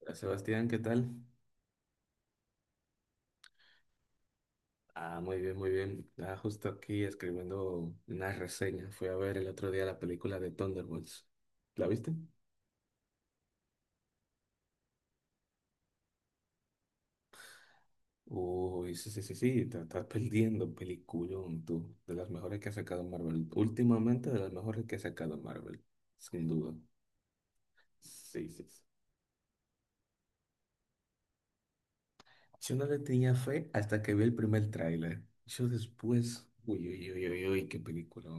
Hola, Sebastián, ¿qué tal? Ah, muy bien, muy bien. Ah, justo aquí escribiendo una reseña. Fui a ver el otro día la película de Thunderbolts. ¿La viste? Uy, sí, sí, sí, sí, te estás perdiendo, peliculón, tú. De las mejores que ha sacado Marvel. Últimamente de las mejores que ha sacado Marvel, sin duda. Sí, sí, sí. Yo no le tenía fe hasta que vi el primer tráiler. Yo después, uy, uy, uy, uy, uy, qué película.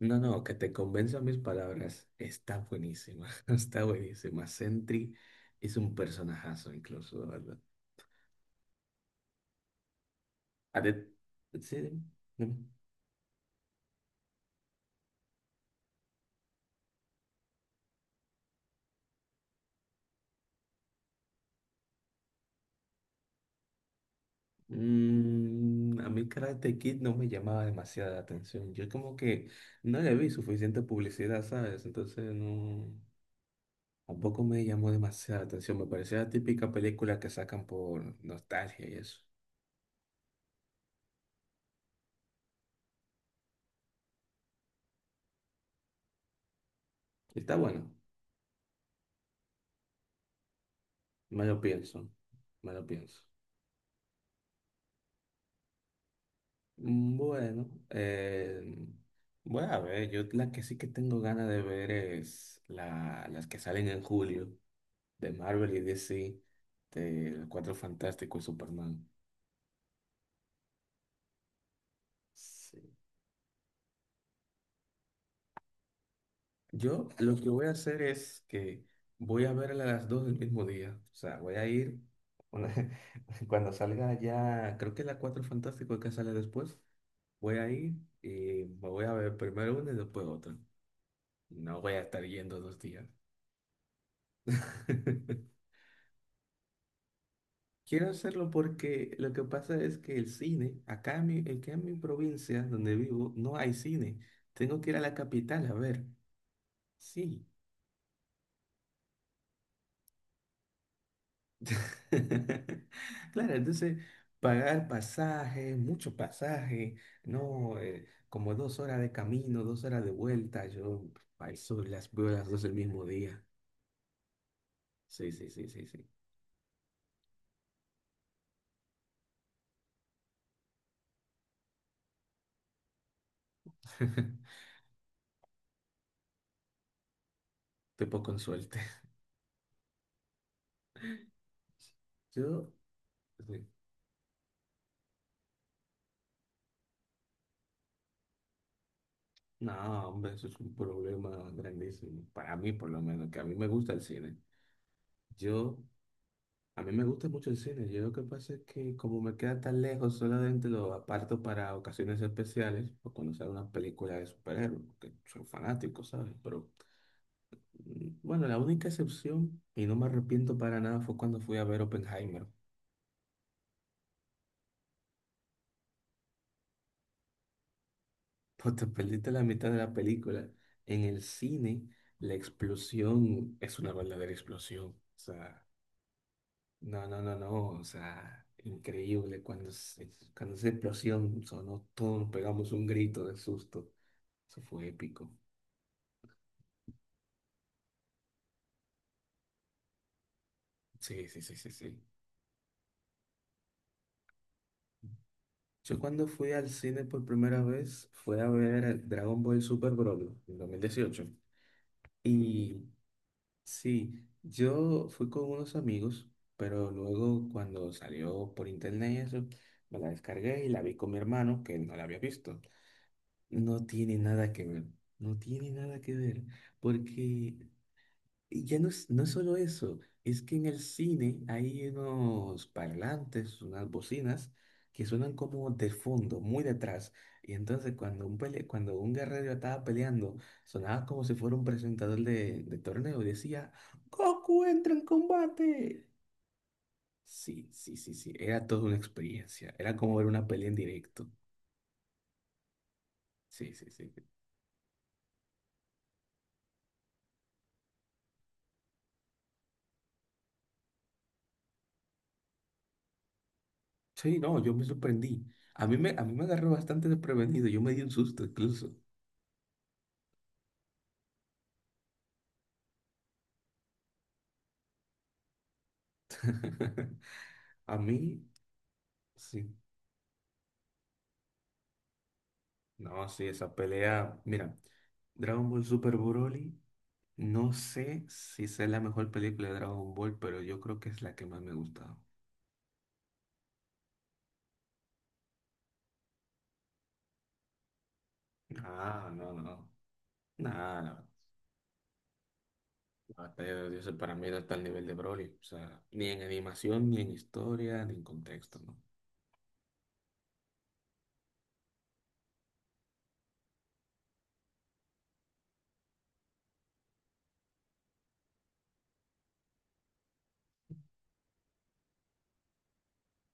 No, no, que te convenza mis palabras. Está buenísima, está buenísima. Sentry es un personajazo incluso, la verdad. A de- sí, dime, dime. A mí Karate Kid no me llamaba demasiada la atención. Yo como que no le vi suficiente publicidad, ¿sabes? Entonces no, tampoco me llamó demasiada la atención. Me parecía la típica película que sacan por nostalgia y eso. Está bueno, me lo pienso, me lo pienso. Bueno, voy a ver, yo la que sí que tengo ganas de ver es las que salen en julio de Marvel y DC, de Los Cuatro Fantásticos y Superman. Sí. Yo lo que voy a hacer es que voy a verla a las dos del mismo día, o sea, voy a ir una- cuando salga ya, creo que la Cuatro Fantásticos que sale después, voy a ir y me voy a ver primero una y después otra. No voy a estar yendo 2 días. Quiero hacerlo porque lo que pasa es que el cine, aquí en mi provincia donde vivo, no hay cine. Tengo que ir a la capital a ver. Sí. Claro, entonces pagar pasaje, mucho pasaje, no. Como 2 horas de camino, 2 horas de vuelta. Yo al sur las veo las dos el mismo día. Sí, sí, sí, sí, sí. Te poco con suerte. Yo, sí. No, hombre, eso es un problema grandísimo. Para mí, por lo menos, que a mí me gusta el cine. Yo, a mí me gusta mucho el cine. Yo lo que pasa es que como me queda tan lejos, solamente lo aparto para ocasiones especiales o cuando sale una película de superhéroes, que soy fanático, ¿sabes? Pero bueno, la única excepción, y no me arrepiento para nada, fue cuando fui a ver Oppenheimer. Pues te perdiste la mitad de la película. En el cine, la explosión es una verdadera explosión. O sea, no, no, no, no, o sea, increíble cuando esa explosión sonó, todos pegamos un grito de susto. Eso fue épico. Sí, sí, sí, sí, sí. Yo cuando fui al cine por primera vez fue a ver Dragon Ball Super Broly en 2018. Y sí, yo fui con unos amigos, pero luego cuando salió por internet y eso, me la descargué y la vi con mi hermano que no la había visto. No tiene nada que ver, no tiene nada que ver, porque ya no es solo eso, es que en el cine hay unos parlantes, unas bocinas que suenan como de fondo, muy detrás, y entonces cuando un guerrero estaba peleando, sonaba como si fuera un presentador de torneo y decía, Goku entra en combate. Sí, sí, sí, sí, era toda una experiencia, era como ver una pelea en directo. Sí, sí, sí. Sí, no, yo me sorprendí. A mí me agarró bastante desprevenido. Yo me di un susto incluso. A mí, sí. No, sí, esa pelea. Mira, Dragon Ball Super Broly. No sé si es la mejor película de Dragon Ball, pero yo creo que es la que más me ha gustado. Ah, no, no. Nada, no. La batalla de los dioses para mí no está al nivel de Broly. O sea, ni en animación, ni en historia, ni en contexto, ¿no?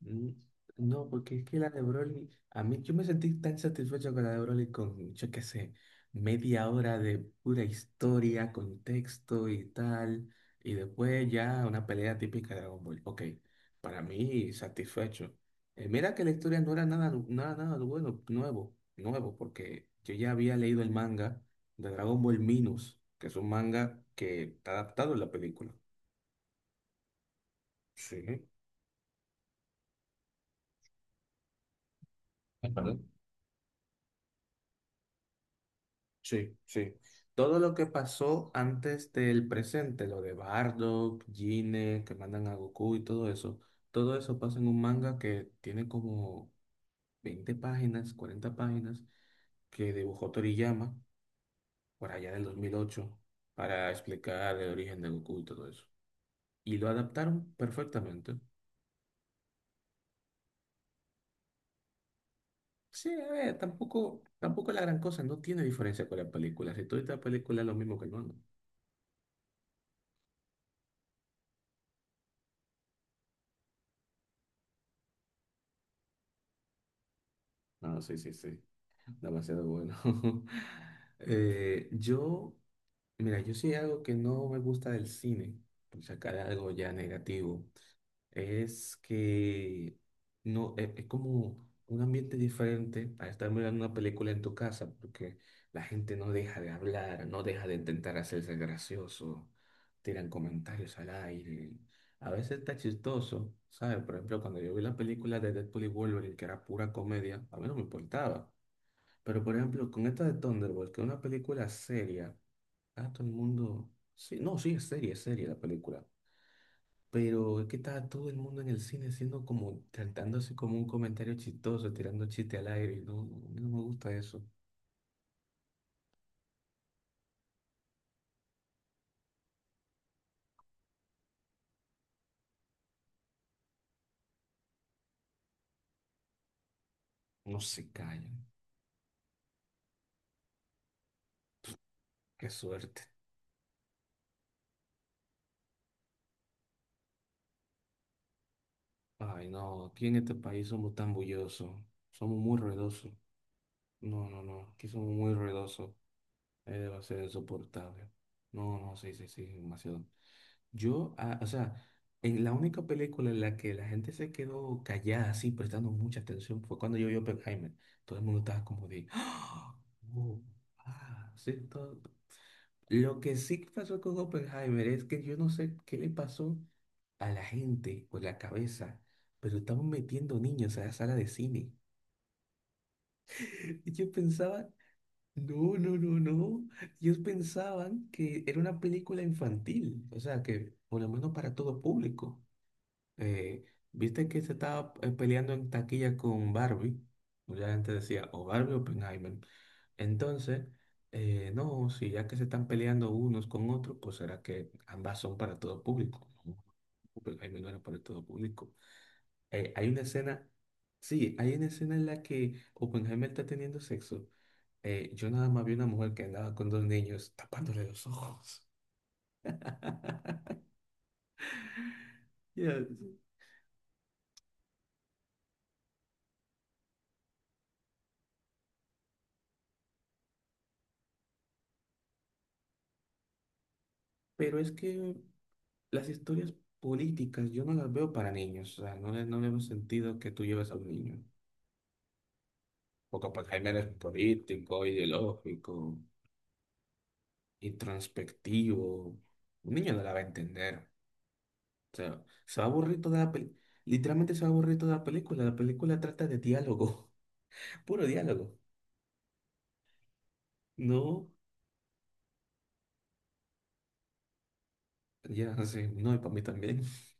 Mm, No, porque es que la de Broly, a mí yo me sentí tan satisfecho con la de Broly con, yo qué sé, media hora de pura historia, contexto y tal, y después ya una pelea típica de Dragon Ball. Ok, para mí satisfecho. Mira que la historia no era nada, nada, nada bueno, nuevo, nuevo, porque yo ya había leído el manga de Dragon Ball Minus, que es un manga que está adaptado en la película. Sí. Ajá. Sí, sí. Todo lo que pasó antes del presente, lo de Bardock, Gine, que mandan a Goku y todo eso pasa en un manga que tiene como 20 páginas, 40 páginas, que dibujó Toriyama por allá del 2008 para explicar el origen de Goku y todo eso. Y lo adaptaron perfectamente. Sí, a ver, tampoco la gran cosa, no tiene diferencia con la película. Si tú ves la película es lo mismo que el manga. No, sí, sí, sí. Demasiado bueno. Eh, yo, Mira, yo sí algo que no me gusta del cine, por sacar algo ya negativo, es que no, e- es, como un ambiente diferente a estar mirando una película en tu casa, porque la gente no deja de hablar, no deja de intentar hacerse gracioso, tiran comentarios al aire. A veces está chistoso, ¿sabes? Por ejemplo, cuando yo vi la película de Deadpool y Wolverine, que era pura comedia, a mí no me importaba. Pero por ejemplo, con esta de Thunderbolt, que es una película seria, está todo el mundo. Sí, no, sí, es seria la película. Pero es que estaba todo el mundo en el cine haciendo como, tratándose como un comentario chistoso, tirando chiste al aire. Y no, no, a mí no me gusta eso. No se callan. Qué suerte. Ay, no, aquí en este país somos tan bullosos. Somos muy ruidosos. No, no, no, aquí somos muy ruidosos. Es va a ser insoportable. No, no, sí, sí, sí, demasiado. O sea, en la única película en la que la gente se quedó callada, así, prestando mucha atención, fue cuando yo vi Oppenheimer. Todo el mundo estaba como de, ¡ah! ¡Oh! ¡Ah! Sí, todo. Lo que sí que pasó con Oppenheimer es que yo no sé qué le pasó a la gente o la cabeza, pero estaban metiendo niños a la sala de cine. Ellos pensaban no, no, no, no. Ellos pensaban que era una película infantil, o sea, que por lo menos para todo público. Eh, ¿Viste que se estaba peleando en taquilla con Barbie? Mucha gente decía, o Barbie o Oppenheimer. Entonces, no, si ya que se están peleando unos con otros, pues será que ambas son para todo público. No, Oppenheimer no era para todo público. Hay una escena, sí, hay una escena en la que Oppenheimer está teniendo sexo. Yo nada más vi una mujer que andaba con dos niños tapándole los ojos. Ya, pero es que las historias políticas yo no las veo para niños, o sea, no le veo sentido que tú lleves a un niño. Porque pues Jaime es político, ideológico, introspectivo. Un niño no la va a entender. O sea, se va a aburrir toda la película. Literalmente se va a aburrir toda la película. La película trata de diálogo, puro diálogo. No, ya, sí, no, y para mí también.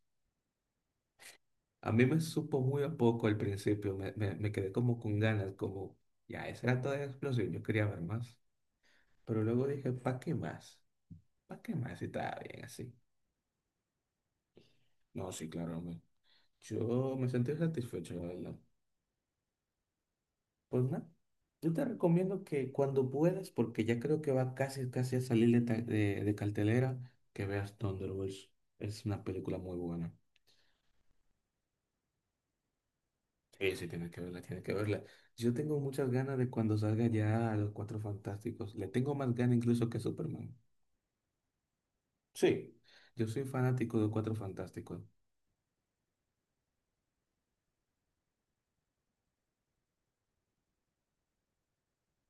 A mí me supo muy a poco al principio, me quedé como con ganas, como, ya, esa era toda la explosión, yo quería ver más. Pero luego dije, ¿para qué más? ¿Para qué más si estaba bien así? No, sí, claro, hombre. Yo me sentí satisfecho, la verdad. Pues nada, yo te recomiendo que cuando puedas, porque ya creo que va casi, casi a salir de cartelera, que veas Thunderbolts. Es una película muy buena. Sí, sí, tienes que verla, tienes que verla. Yo tengo muchas ganas de cuando salga ya Los Cuatro Fantásticos. Le tengo más ganas incluso que Superman. Sí, yo soy fanático de Cuatro Fantásticos.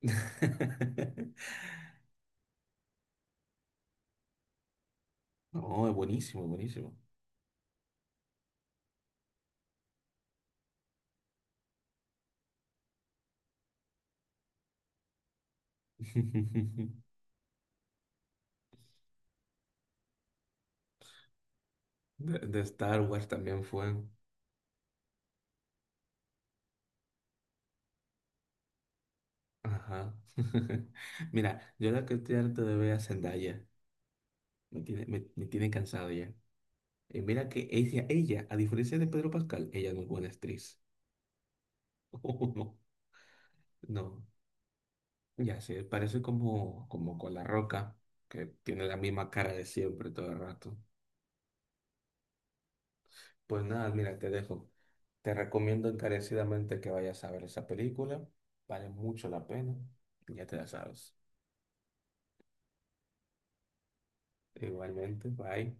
No, es buenísimo, buenísimo. De Star Wars también fue. Ajá. Mira, yo la que estoy harto de ver a Zendaya. Me tiene cansado ya. Y mira que ella, a diferencia de Pedro Pascal, ella no es buena actriz. No, no, ya sé, parece como con La Roca, que tiene la misma cara de siempre todo el rato. Pues nada, mira, te dejo. Te recomiendo encarecidamente que vayas a ver esa película. Vale mucho la pena. Ya te la sabes. Igualmente, bye.